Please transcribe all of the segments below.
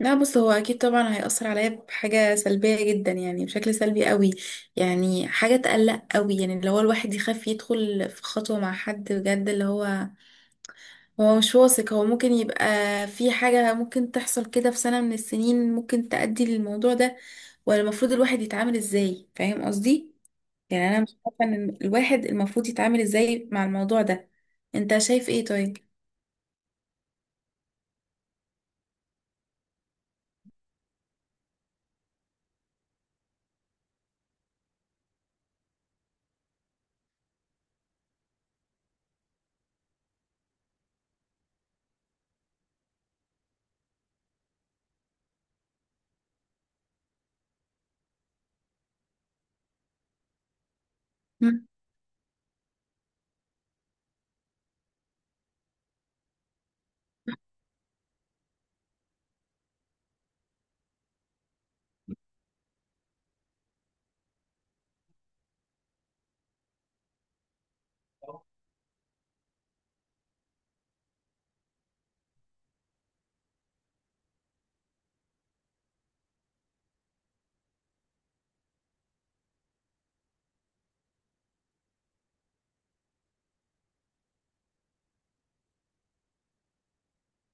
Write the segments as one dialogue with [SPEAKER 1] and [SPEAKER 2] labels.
[SPEAKER 1] لا، بص، هو اكيد طبعا هيأثر عليا بحاجة سلبية جدا، يعني بشكل سلبي قوي. يعني حاجة تقلق قوي، يعني اللي هو الواحد يخاف يدخل في خطوة مع حد بجد، اللي هو مش واثق. هو ممكن يبقى في حاجة ممكن تحصل كده في سنة من السنين، ممكن تأدي للموضوع ده، ولا المفروض الواحد يتعامل ازاي؟ فاهم قصدي؟ يعني انا مش عارفة ان الواحد المفروض يتعامل ازاي مع الموضوع ده. انت شايف ايه طيب؟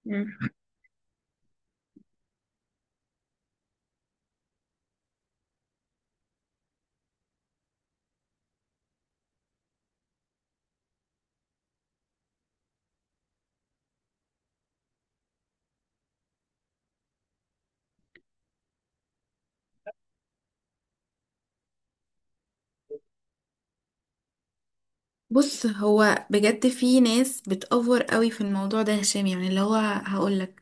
[SPEAKER 1] مم. بص، هو بجد في ناس بتأفور قوي في الموضوع ده يا هشام، يعني اللي هو هقولك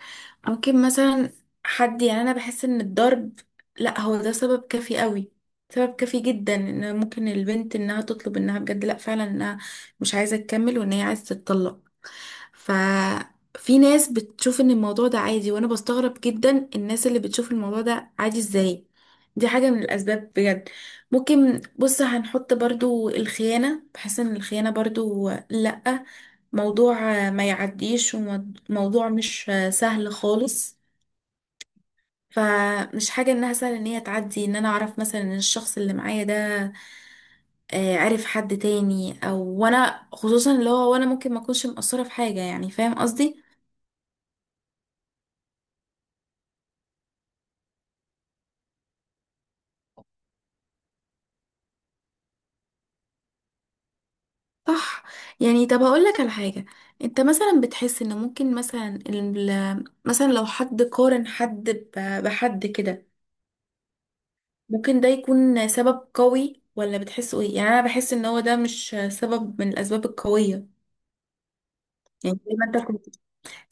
[SPEAKER 1] ممكن مثلا حد، يعني انا بحس ان الضرب، لا هو ده سبب كافي قوي، سبب كافي جدا ان ممكن البنت انها تطلب، انها بجد لا فعلا انها مش عايزة تكمل، وان هي عايزة تتطلق. ففي ناس بتشوف ان الموضوع ده عادي، وانا بستغرب جدا الناس اللي بتشوف الموضوع ده عادي ازاي. دي حاجة من الأسباب بجد. ممكن بص هنحط برضو الخيانة، بحس ان الخيانة برضو لأ، موضوع ما يعديش، وموضوع مش سهل خالص. فمش حاجة انها سهلة ان هي تعدي، ان انا اعرف مثلا ان الشخص اللي معايا ده عارف حد تاني، او وانا خصوصا اللي هو وانا ممكن ما اكونش مقصرة في حاجة، يعني فاهم قصدي؟ صح. يعني طب هقول لك على حاجة. انت مثلا بتحس ان ممكن مثلا مثلا لو حد قارن حد بحد كده ممكن ده يكون سبب قوي ولا بتحسه ايه؟ يعني انا بحس ان هو ده مش سبب من الاسباب القوية. يعني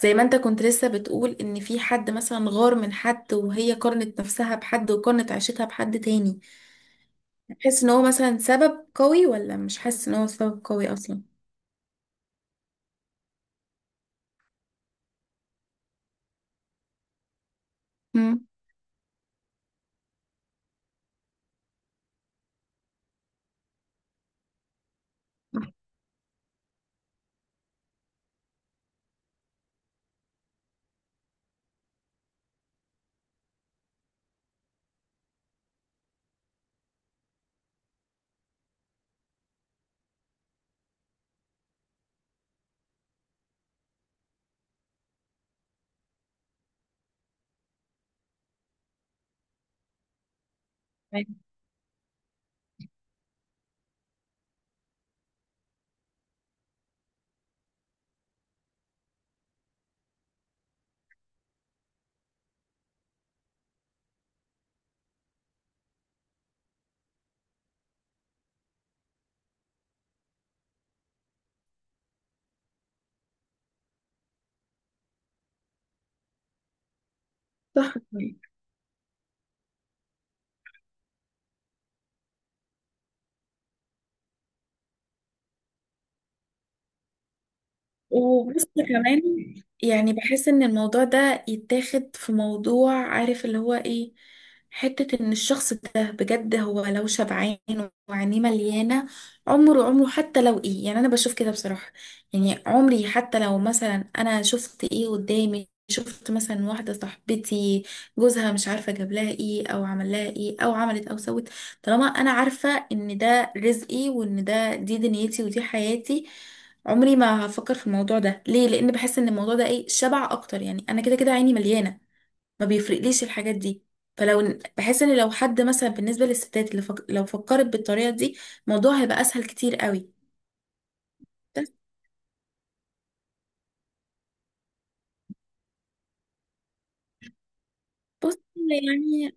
[SPEAKER 1] زي ما انت كنت لسه بتقول ان في حد مثلا غار من حد، وهي قارنت نفسها بحد وقارنت عيشتها بحد تاني، بتحس ان هو مثلا سبب قوي ولا مش حاسس ان هو سبب قوي اصلا؟ امم. صح. وبص كمان، يعني بحس ان الموضوع ده يتاخد في موضوع، عارف اللي هو ايه؟ حتة ان الشخص ده بجد هو لو شبعان وعينيه مليانة، عمره عمره حتى لو ايه، يعني انا بشوف كده بصراحة. يعني عمري حتى لو مثلا انا شفت ايه قدامي، شفت مثلا واحدة صاحبتي جوزها مش عارفة جاب لها ايه او عمل لها ايه او عملت او سوت، طالما انا عارفة ان ده رزقي وان ده دي دنيتي ودي حياتي، عمري ما هفكر في الموضوع ده. ليه؟ لان بحس ان الموضوع ده ايه شبع اكتر. يعني انا كده كده عيني مليانه، ما بيفرقليش الحاجات دي. فلو بحس ان لو حد مثلا بالنسبه للستات، اللي لو فكرت بالطريقه دي الموضوع هيبقى اسهل كتير قوي. بس بص، يعني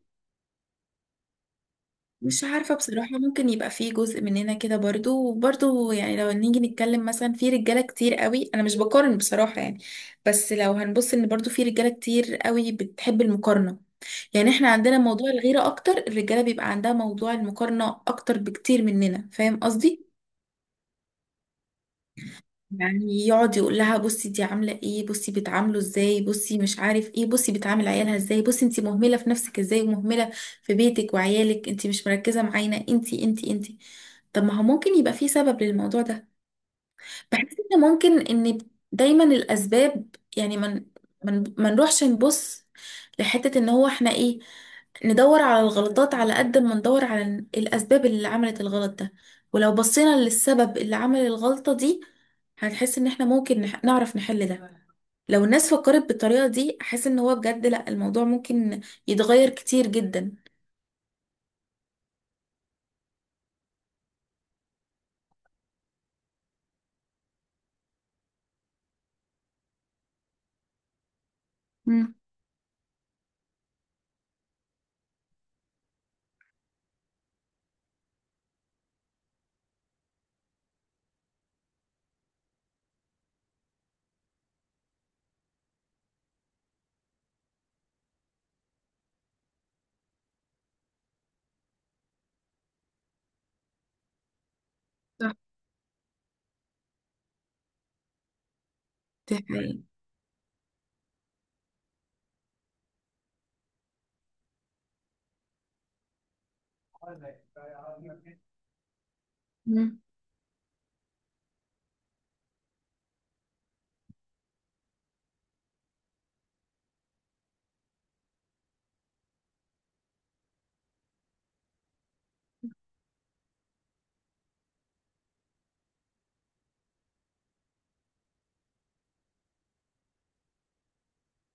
[SPEAKER 1] مش عارفة بصراحة، ممكن يبقى في جزء مننا كده برضو، وبرضو يعني لو نيجي نتكلم مثلا في رجالة كتير قوي، أنا مش بقارن بصراحة يعني. بس لو هنبص إن برضو في رجالة كتير قوي بتحب المقارنة. يعني إحنا عندنا موضوع الغيرة أكتر، الرجالة بيبقى عندها موضوع المقارنة أكتر بكتير مننا. فاهم قصدي؟ يعني يقعد يقول لها بصي دي عامله ايه، بصي بتعامله ازاي، بصي مش عارف ايه، بصي بتعامل عيالها ازاي، بصي انتي مهمله في نفسك ازاي، ومهمله في بيتك وعيالك، انتي مش مركزه معانا، انتي انتي انتي. طب ما هو ممكن يبقى في سبب للموضوع ده. بحس ان ممكن ان دايما الاسباب يعني من ما نروحش نبص لحتة ان هو احنا ايه، ندور على الغلطات على قد ما ندور على الاسباب اللي عملت الغلط ده. ولو بصينا للسبب اللي عمل الغلطة دي هنحس ان احنا ممكن نعرف نحل ده. لو الناس فكرت بالطريقة دي احس ان هو بجد لا الموضوع ممكن يتغير كتير جدا. مم. صح. دي حقيقة. يعني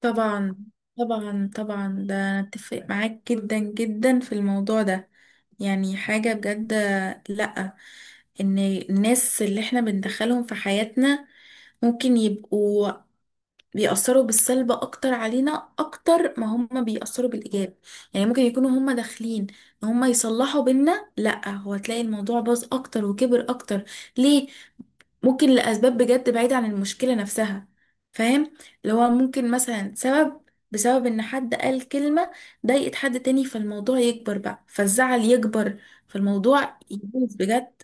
[SPEAKER 1] طبعا طبعا طبعا، ده انا اتفق معاك جدا جدا في الموضوع ده. يعني حاجة بجد، لأ. ان الناس اللي احنا بندخلهم في حياتنا ممكن يبقوا بيأثروا بالسلب اكتر علينا اكتر ما هم بيأثروا بالإيجاب. يعني ممكن يكونوا هم داخلين ان هم يصلحوا بينا، لأ هو تلاقي الموضوع باظ اكتر وكبر اكتر. ليه؟ ممكن لأسباب بجد بعيدة عن المشكلة نفسها. فاهم؟ اللي هو ممكن مثلا سبب بسبب ان حد قال كلمة ضايقت حد تاني، فالموضوع يكبر بقى، فالزعل يكبر، فالموضوع يبوظ بجد.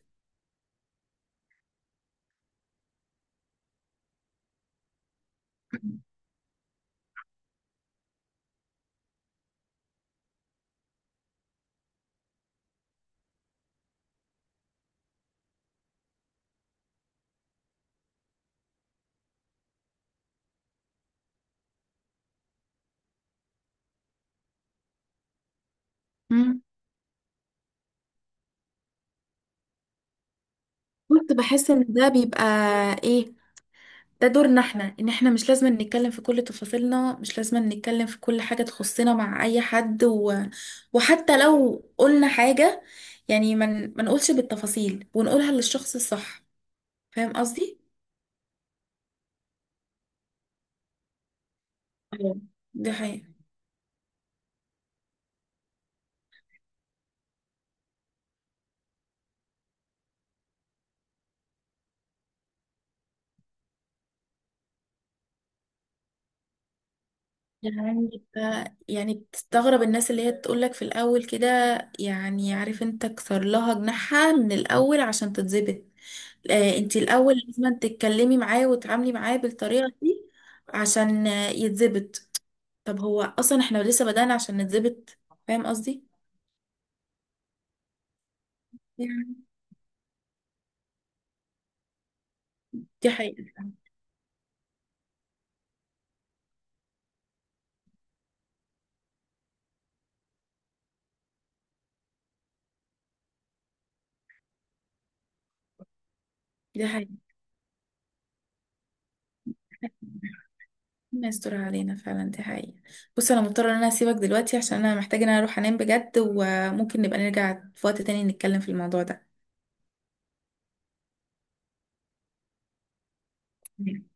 [SPEAKER 1] مم. كنت بحس ان ده بيبقى ايه، ده دورنا احنا ان احنا مش لازم نتكلم في كل تفاصيلنا، مش لازم نتكلم في كل حاجة تخصنا مع اي حد وحتى لو قلنا حاجة، يعني ما نقولش بالتفاصيل، ونقولها للشخص الصح. فاهم قصدي؟ أيوة. دي حقيقة. يعني يعني بتستغرب الناس اللي هي تقولك في الأول كده، يعني عارف انت كسر لها جناحها من الأول عشان تتظبط. آه، انت الأول لازم تتكلمي معاه وتتعاملي معاه بالطريقة دي عشان يتظبط. طب هو أصلا احنا لسه بدأنا عشان نتظبط. فاهم قصدي؟ يعني دي حقيقة. دي حقيقة. ربنا يستر علينا فعلا، دي حقيقة. بص، أنا مضطرة إن أنا أسيبك دلوقتي عشان أنا محتاجة إن أنا أروح أنام بجد، وممكن نبقى نرجع في وقت تاني نتكلم في الموضوع ده. مم.